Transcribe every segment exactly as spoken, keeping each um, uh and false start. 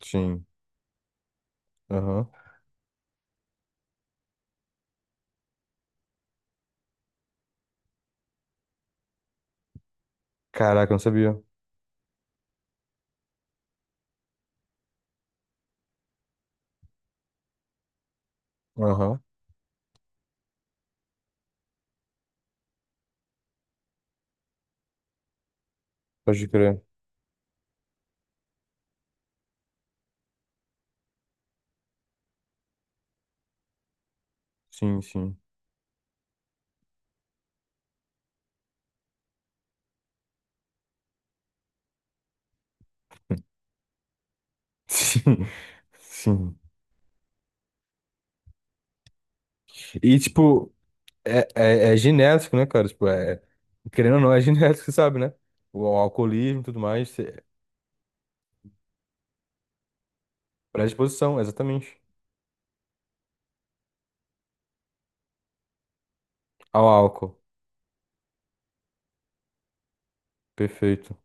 Sim. Aham. Caraca, eu não sabia. Aham. Pode crer. Sim, sim. Sim. Sim. E, tipo, é, é, é genético, né, cara? Tipo, é, querendo ou não, é genético, você sabe, né? O alcoolismo e tudo mais, cê- predisposição, exatamente. Ao álcool. Perfeito.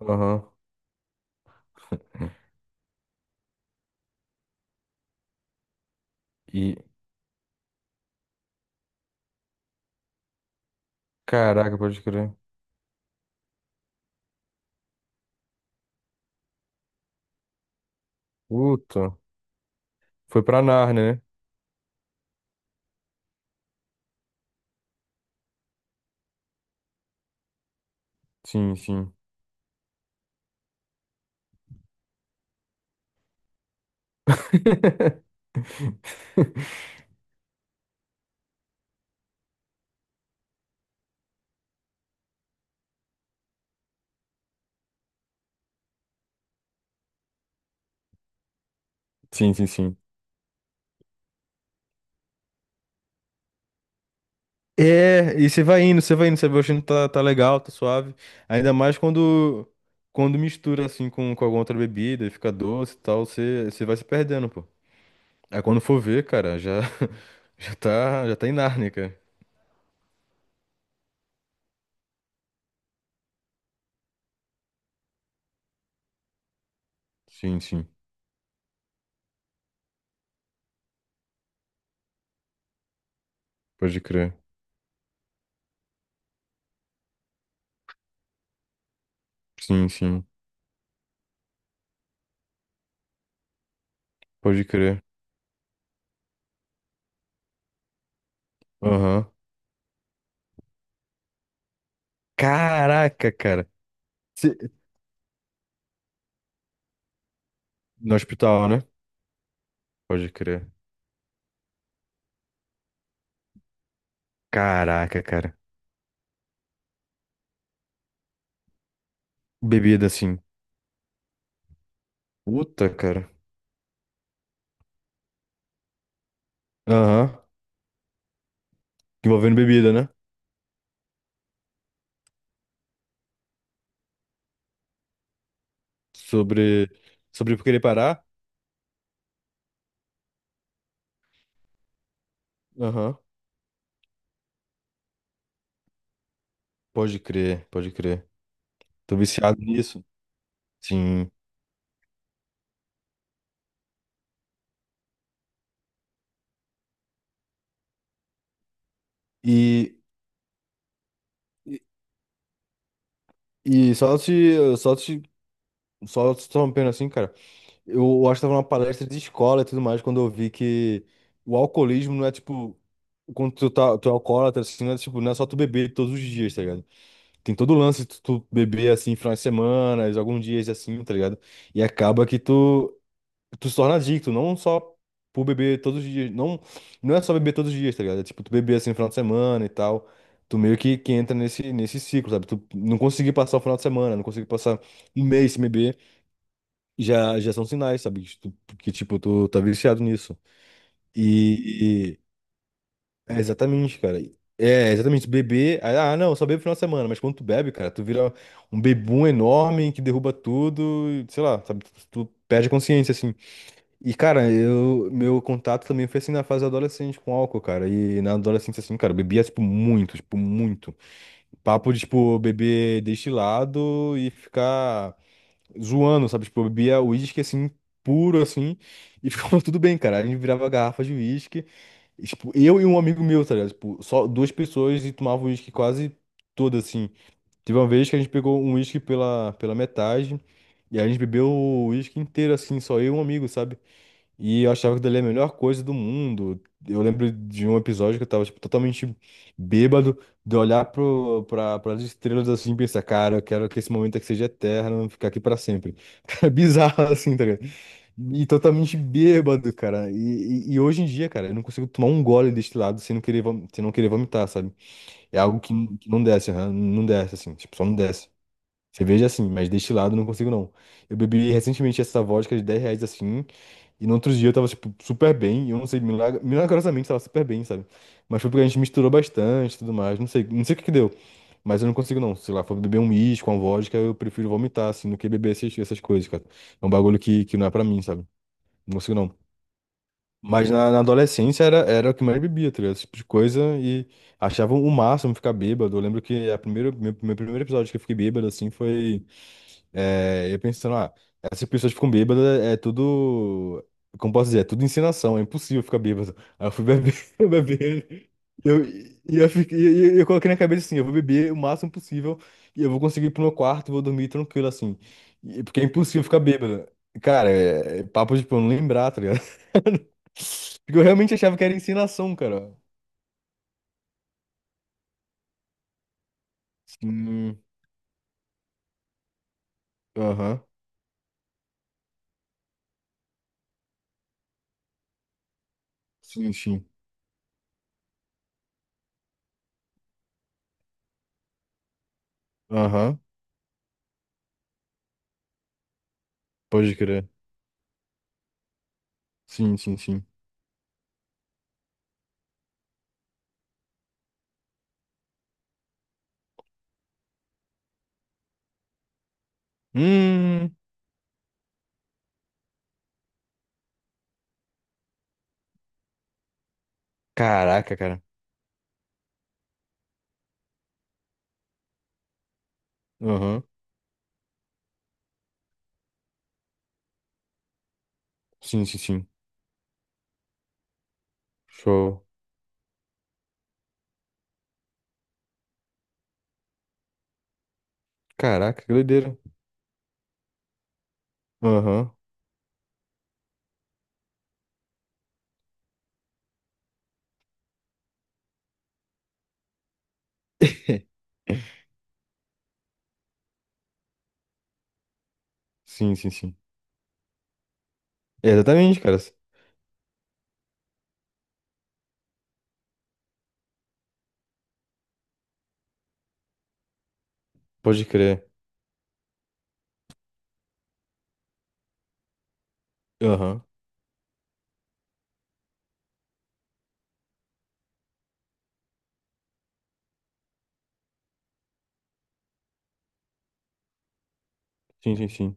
Aham. E, caraca, pode crer. Puta. Foi pra Nárnia, né? Sim, sim. Sim, sim, sim. É, e você vai indo, você vai indo, você vai achando que tá, tá legal, tá suave. Ainda mais quando quando mistura assim com, com alguma outra bebida e fica doce e tal, você, você vai se perdendo, pô. Aí quando for ver, cara, já já tá, já tá em Nárnia, cara. Sim, sim. Pode crer. Sim, sim. Pode crer. Aham. Caraca, cara. Cê- No hospital, né? Pode crer. Caraca, cara. Bebida assim. Puta, cara. Aham. Envolvendo bebida, né? Sobre sobre eu querer parar. Aham. Pode crer, pode crer. Tô viciado nisso. Sim. E, e, e só te, só te, só te interrompendo assim, cara. Eu acho que tava numa palestra de escola e tudo mais, quando eu vi que o alcoolismo não é tipo. Quando tu, tá, tu é alcoólatra, assim, não é, tipo, não é só tu beber todos os dias, tá ligado? Tem todo o lance de tu, tu beber, assim, finais de semana, alguns dias, assim, tá ligado? E acaba que tu Tu se torna adicto, não só por beber todos os dias. Não, não é só beber todos os dias, tá ligado? É tipo, tu beber assim no final de semana e tal. Tu meio que, que entra nesse, nesse ciclo, sabe? Tu não conseguir passar o final de semana, não conseguir passar um mês sem beber, já, já são sinais, sabe? Que, tu, que, tipo, tu tá viciado nisso. E, e- é exatamente, cara. É, é exatamente. Beber. Ah, não, eu só bebo no final de semana. Mas quando tu bebe, cara, tu vira um bebum enorme que derruba tudo, e, sei lá, sabe? Tu, tu perde a consciência, assim. E, cara, eu, meu contato também foi assim na fase adolescente com álcool, cara. E na adolescência, assim, cara, eu bebia, tipo, muito, tipo, muito. Papo de, tipo, beber destilado e ficar zoando, sabe? Tipo, eu bebia uísque, assim, puro, assim, e ficava tudo bem, cara. A gente virava garrafa de uísque, e, tipo, eu e um amigo meu, tá ligado? Tipo, só duas pessoas e tomava uísque quase todo, assim. Teve uma vez que a gente pegou um uísque pela, pela metade, e a gente bebeu o uísque inteiro, assim, só eu e um amigo, sabe? E eu achava que dali era a melhor coisa do mundo. Eu lembro de um episódio que eu tava, tipo, totalmente bêbado, de olhar pro, pra, pras estrelas assim e pensar, cara, eu quero que esse momento aqui seja eterno, ficar aqui pra sempre. Cara, bizarro assim, tá ligado? E totalmente bêbado, cara. E, e, e hoje em dia, cara, eu não consigo tomar um gole destilado sem não querer, vom- sem não querer vomitar, sabe? É algo que, n- que não desce, aham, não desce, assim, tipo, só não desce. Cerveja assim, mas destilado eu não consigo não. Eu bebi recentemente essa vodka de dez reais assim. E no outro dia eu tava, tipo, super bem. E Eu não sei, milag- milagrosamente tava super bem, sabe? Mas foi porque a gente misturou bastante e tudo mais. Não sei, não sei o que que deu. Mas eu não consigo, não. Sei lá, for beber um uísque, uma vodka, eu prefiro vomitar, assim, do que beber esses, essas coisas, cara. É um bagulho que, que não é pra mim, sabe? Não consigo, não. Mas na, na adolescência era, era o que mais bebia, tá ligado? Esse tipo de coisa. E achava o máximo ficar bêbado. Eu lembro que a primeiro, meu, meu primeiro episódio que eu fiquei bêbado, assim, foi. É, eu pensando, ah, essas pessoas ficam bêbadas, é tudo. Como posso dizer? É tudo encenação, é impossível ficar bêbado. Aí eu fui beber, eu beber. Eu, e eu, fiquei, e eu, eu coloquei na cabeça assim: eu vou beber o máximo possível e eu vou conseguir ir pro meu quarto, vou dormir tranquilo assim. E- Porque é impossível ficar bêbado. Cara, é, é papo de tipo, eu não lembrar, tá ligado? Porque eu realmente achava que era encenação, cara. Sim, aham, sim, sim, aham, pode crer. Sim, sim, sim. Hum. Caraca, cara. Aham. Sim, sim, sim. Show. Caraca, que doideira. Aham. Sim, sim, sim. É, exatamente, cara. Pode crer. Aham. Sim, sim, sim.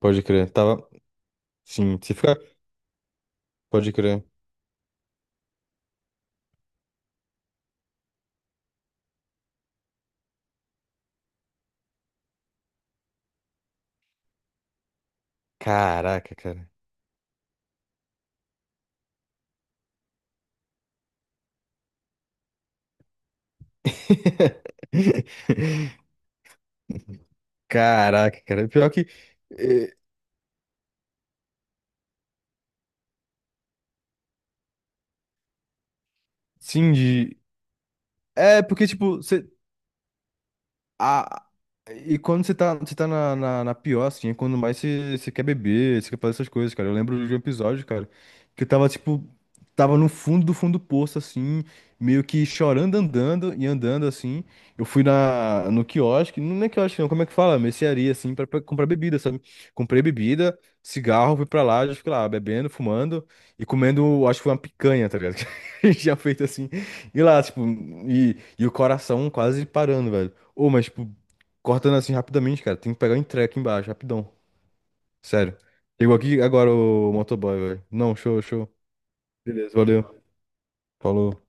Pode crer. Tava. Sim, se ficar. Pode crer. Caraca, cara. Caraca, cara. Pior que. É, sim, de. É, porque, tipo, A... e quando você tá, você tá, na, na, na pior, assim, é quando mais você, você quer beber, você quer fazer essas coisas, cara. Eu lembro de um episódio, cara, que eu tava, tipo, tava no fundo do fundo do poço, assim, meio que chorando, andando e andando, assim. Eu fui na, no quiosque, não é quiosque, não, como é que fala? Mercearia, assim, pra, pra comprar bebida, sabe? Comprei bebida, cigarro, fui pra lá, já fiquei lá, bebendo, fumando e comendo, acho que foi uma picanha, tá ligado? Que a gente tinha feito assim. E lá, tipo, e, e o coração quase parando, velho. Ô, mas, tipo, cortando assim rapidamente, cara. Tem que pegar o entrega aqui embaixo, rapidão. Sério. Chegou aqui agora o motoboy, velho. Não, show, show. Beleza, valeu. Falou.